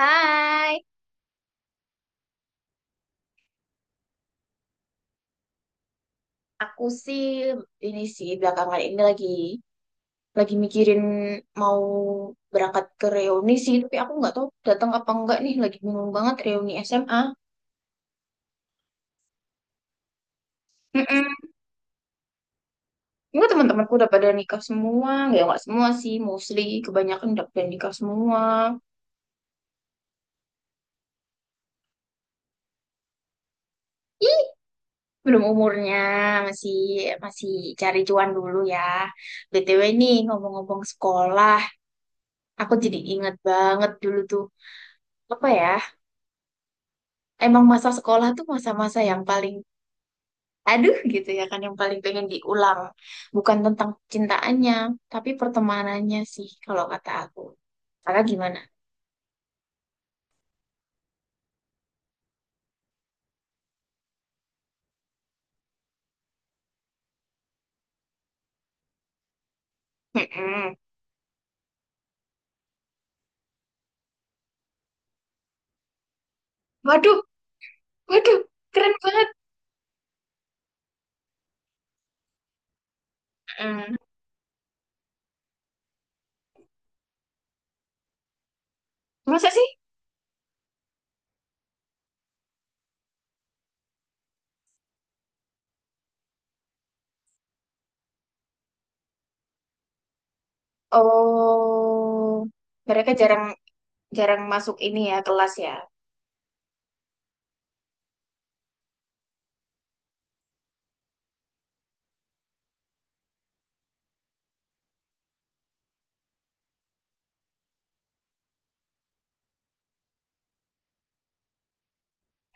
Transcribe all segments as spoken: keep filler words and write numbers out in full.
Hai, aku sih ini sih belakangan ini lagi lagi mikirin mau berangkat ke reuni sih, tapi aku nggak tahu datang apa enggak nih. Lagi bingung banget reuni S M A. Mm-mm. Enggak, teman-temanku udah pada nikah semua, ya nggak semua sih, mostly kebanyakan udah pada nikah semua. Ih, belum umurnya, masih masih cari cuan dulu ya. B T W nih, ngomong-ngomong sekolah, aku jadi ingat banget dulu tuh, apa ya? Emang masa sekolah tuh masa-masa yang paling, aduh gitu ya kan, yang paling pengen diulang, bukan tentang cintaannya tapi pertemanannya sih kalau kata aku. Kakak gimana? Mm-mm. Waduh, waduh, keren banget. Mm. Masa sih? Oh, mereka jarang jarang masuk ini ya, kelas ya.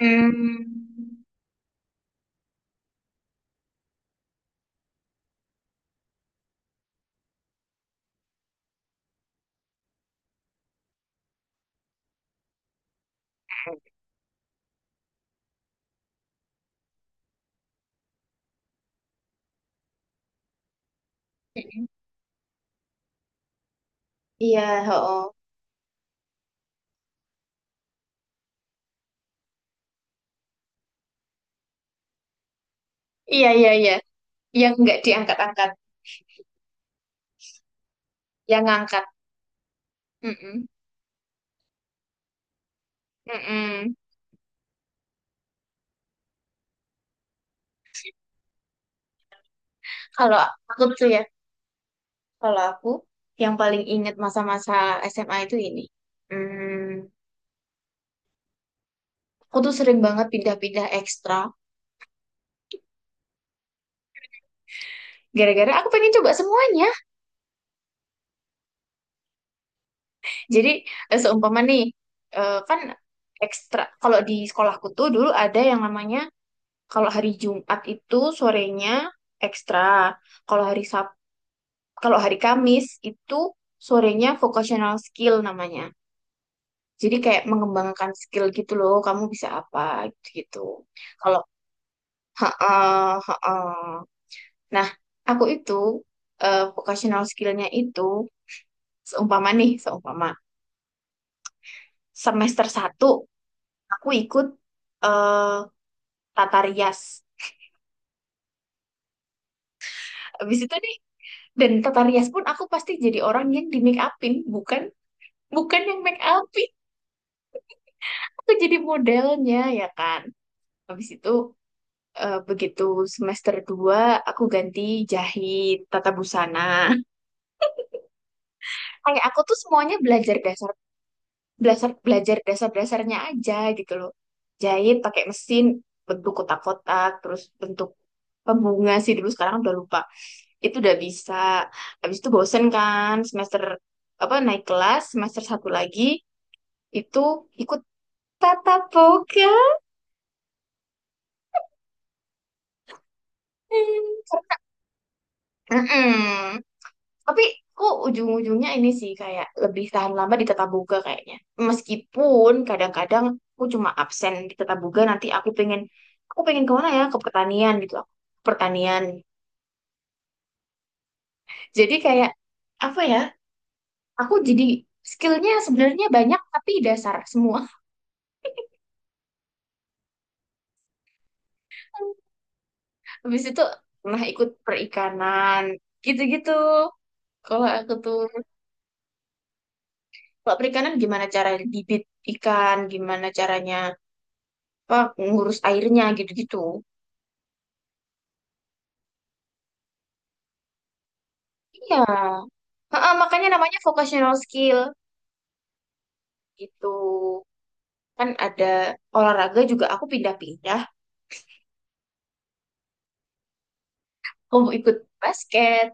Hmm. Mm-mm. Iya. Oh, iya, iya, iya, yang nggak diangkat-angkat, yang ngangkat. Mm-mm. Mm-mm. Kalau aku tuh ya, kalau aku yang paling ingat masa-masa S M A itu ini. Hmm, aku tuh sering banget pindah-pindah ekstra. Gara-gara aku pengen coba semuanya. Jadi, eh, seumpama nih, eh, kan ekstra. Kalau di sekolahku tuh dulu ada yang namanya, kalau hari Jumat itu sorenya ekstra. Kalau hari Sab, kalau hari Kamis itu sorenya vocational skill namanya. Jadi kayak mengembangkan skill gitu loh. Kamu bisa apa gitu. Kalau, ha-ah, ha-ah. Nah, aku itu, eh, vocational skill-nya itu, seumpama nih, seumpama semester satu aku ikut eh tata rias. Habis itu nih, dan tata rias pun aku pasti jadi orang yang di make upin, bukan bukan yang make upin. Aku jadi modelnya, ya kan. Habis itu, eh, begitu semester dua aku ganti jahit tata busana. Kayak aku tuh semuanya belajar dasar, belajar belajar dasar-dasarnya aja gitu loh. Jahit pakai mesin bentuk kotak-kotak, terus bentuk pembunga sih dulu, sekarang udah lupa. Itu udah bisa. Habis itu bosen kan, semester apa, naik kelas semester satu lagi itu ikut tatap muka. Mm-mm. Tapi kok ujung-ujungnya ini sih kayak lebih tahan lama di Tata Boga kayaknya. Meskipun kadang-kadang aku cuma absen di Tata Boga, nanti aku pengen aku pengen ke mana ya, ke pertanian gitu aku. Ke Pertanian. Jadi kayak apa ya? Aku jadi skillnya sebenarnya banyak tapi dasar semua. Habis itu pernah ikut perikanan gitu-gitu. Kalau aku tuh, kalau perikanan gimana cara bibit ikan, gimana caranya, apa, ngurus airnya gitu-gitu. Iya. Heeh, makanya namanya vocational skill gitu. Kan ada olahraga juga aku pindah-pindah. Kamu ikut basket,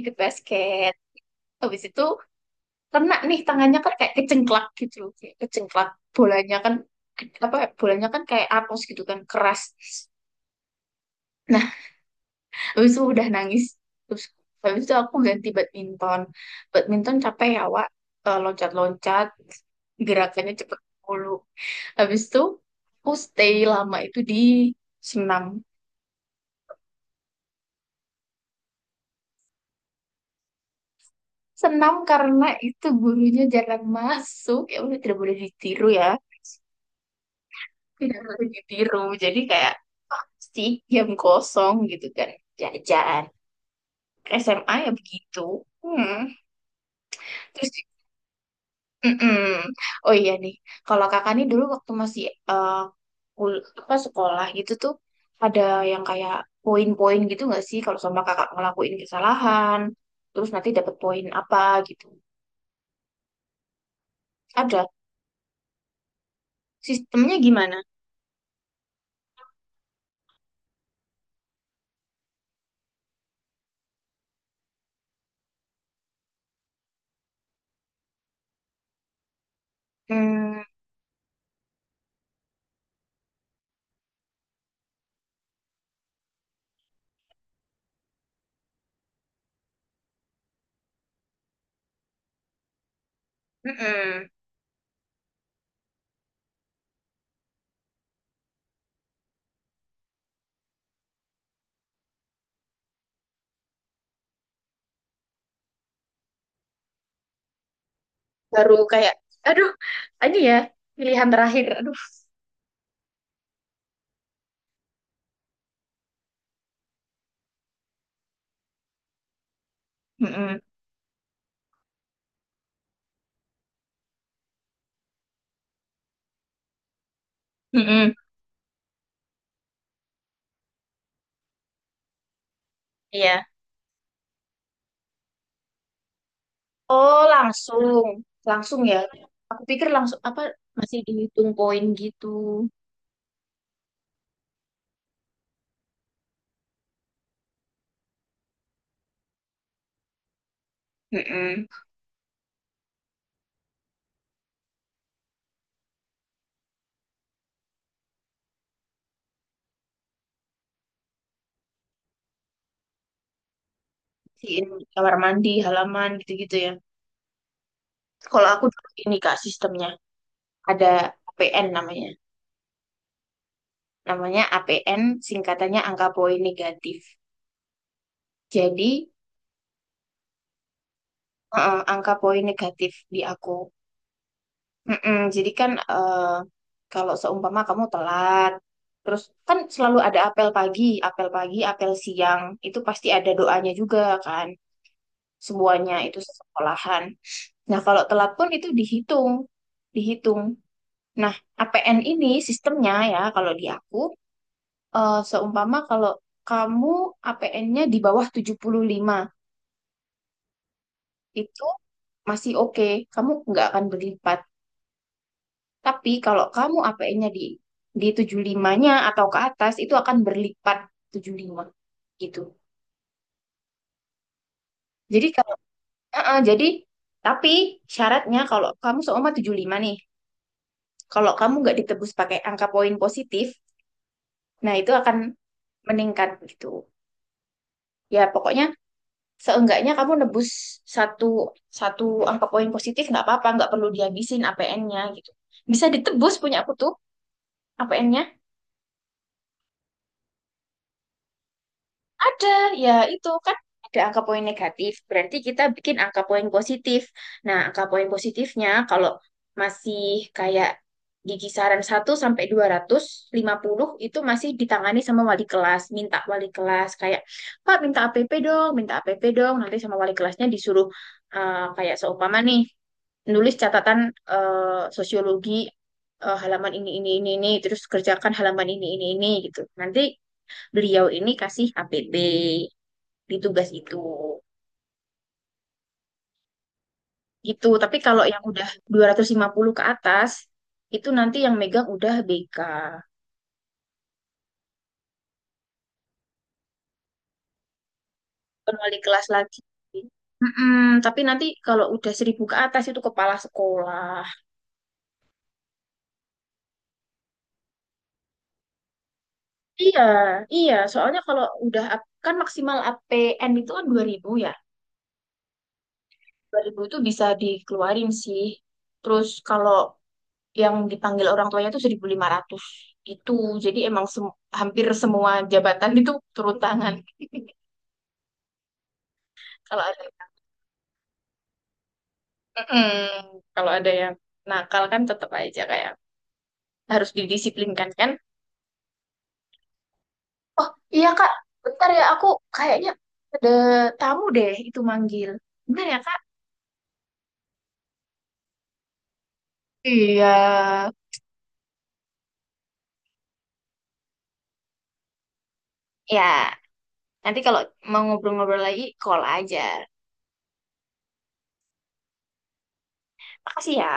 ikut basket. Habis itu kena nih tangannya kan, kayak kecengklak gitu loh. Kayak kecengklak, bolanya kan, apa, bolanya kan kayak apus gitu kan, keras. Nah, habis itu udah nangis. Terus habis itu aku ganti badminton. Badminton capek ya, Wak. Eh, Loncat-loncat, gerakannya cepet mulu. Habis itu aku stay lama itu di senam. Senam karena itu gurunya jarang masuk. Ya udah, tidak boleh ditiru ya. Tidak boleh ditiru. Jadi kayak pasti jam kosong gitu kan. Jajan. S M A ya begitu. Hmm. Terus. Mm-mm. Oh iya nih, kalau kakak nih dulu waktu masih, eh, kul- apa sekolah gitu tuh, ada yang kayak poin-poin gitu nggak sih, kalau sama kakak ngelakuin kesalahan, terus nanti dapat poin apa gitu. Ada. Sistemnya gimana? Hmm, mm-mm. Baru kayak, aduh, ini ya pilihan terakhir. Aduh. Mm-mm. Mm-mm. Iya. Oh langsung, langsung ya. Aku pikir langsung apa masih dihitung poin gitu. Mm-mm. Bersihin kamar mandi, halaman gitu-gitu ya. Kalau aku dulu ini Kak, sistemnya ada A P N namanya. Namanya A P N, singkatannya angka poin negatif. Jadi, eh, angka poin negatif di aku. Mm-mm, jadi kan, eh, kalau seumpama kamu telat, terus kan selalu ada apel pagi, apel pagi, apel siang, itu pasti ada doanya juga kan. Semuanya itu sekolahan. Nah, kalau telat pun itu dihitung, dihitung Nah, A P N ini sistemnya ya kalau di aku, eh, seumpama kalau kamu A P N-nya di bawah tujuh puluh lima itu masih oke, kamu nggak akan berlipat. Tapi kalau kamu A P N-nya di di tujuh puluh lima-nya atau ke atas itu akan berlipat tujuh puluh lima gitu. Jadi kalau, eh, eh, jadi, tapi syaratnya, kalau kamu seumpama tujuh puluh lima nih, kalau kamu nggak ditebus pakai angka poin positif, nah itu akan meningkat gitu. Ya pokoknya seenggaknya kamu nebus satu, satu angka poin positif nggak apa-apa, nggak perlu dihabisin A P N-nya gitu, bisa ditebus. Punya aku tuh A P N-nya... Ada, ya itu kan ada angka poin negatif, berarti kita bikin angka poin positif. Nah, angka poin positifnya kalau masih kayak di kisaran satu sampai dua ratus lima puluh itu masih ditangani sama wali kelas, minta wali kelas kayak, Pak minta A P P dong, minta A P P dong, nanti sama wali kelasnya disuruh, eh, kayak seumpama nih, nulis catatan, eh, sosiologi, eh, halaman ini ini ini ini terus kerjakan halaman ini ini ini gitu. Nanti beliau ini kasih H P P di tugas itu. Gitu. Tapi kalau yang udah dua ratus lima puluh ke atas, itu nanti yang megang udah B K, bukan wali kelas lagi. Mm-mm, tapi nanti kalau udah seribu ke atas itu kepala sekolah. Iya, iya. Soalnya kalau udah, kan maksimal A P N itu kan dua ribu ya. dua ribu itu bisa dikeluarin sih. Terus kalau yang dipanggil orang tuanya itu seribu lima ratus, itu jadi emang, sem- hampir semua jabatan itu turun tangan kalau ada. Mm-mm. Kalau ada yang nakal kan tetap aja kayak harus didisiplinkan kan. Oh iya Kak, bentar ya, aku kayaknya ada tamu deh, itu manggil. Bentar ya Kak. Iya, ya, nanti kalau mau ngobrol-ngobrol lagi, call aja. Makasih ya.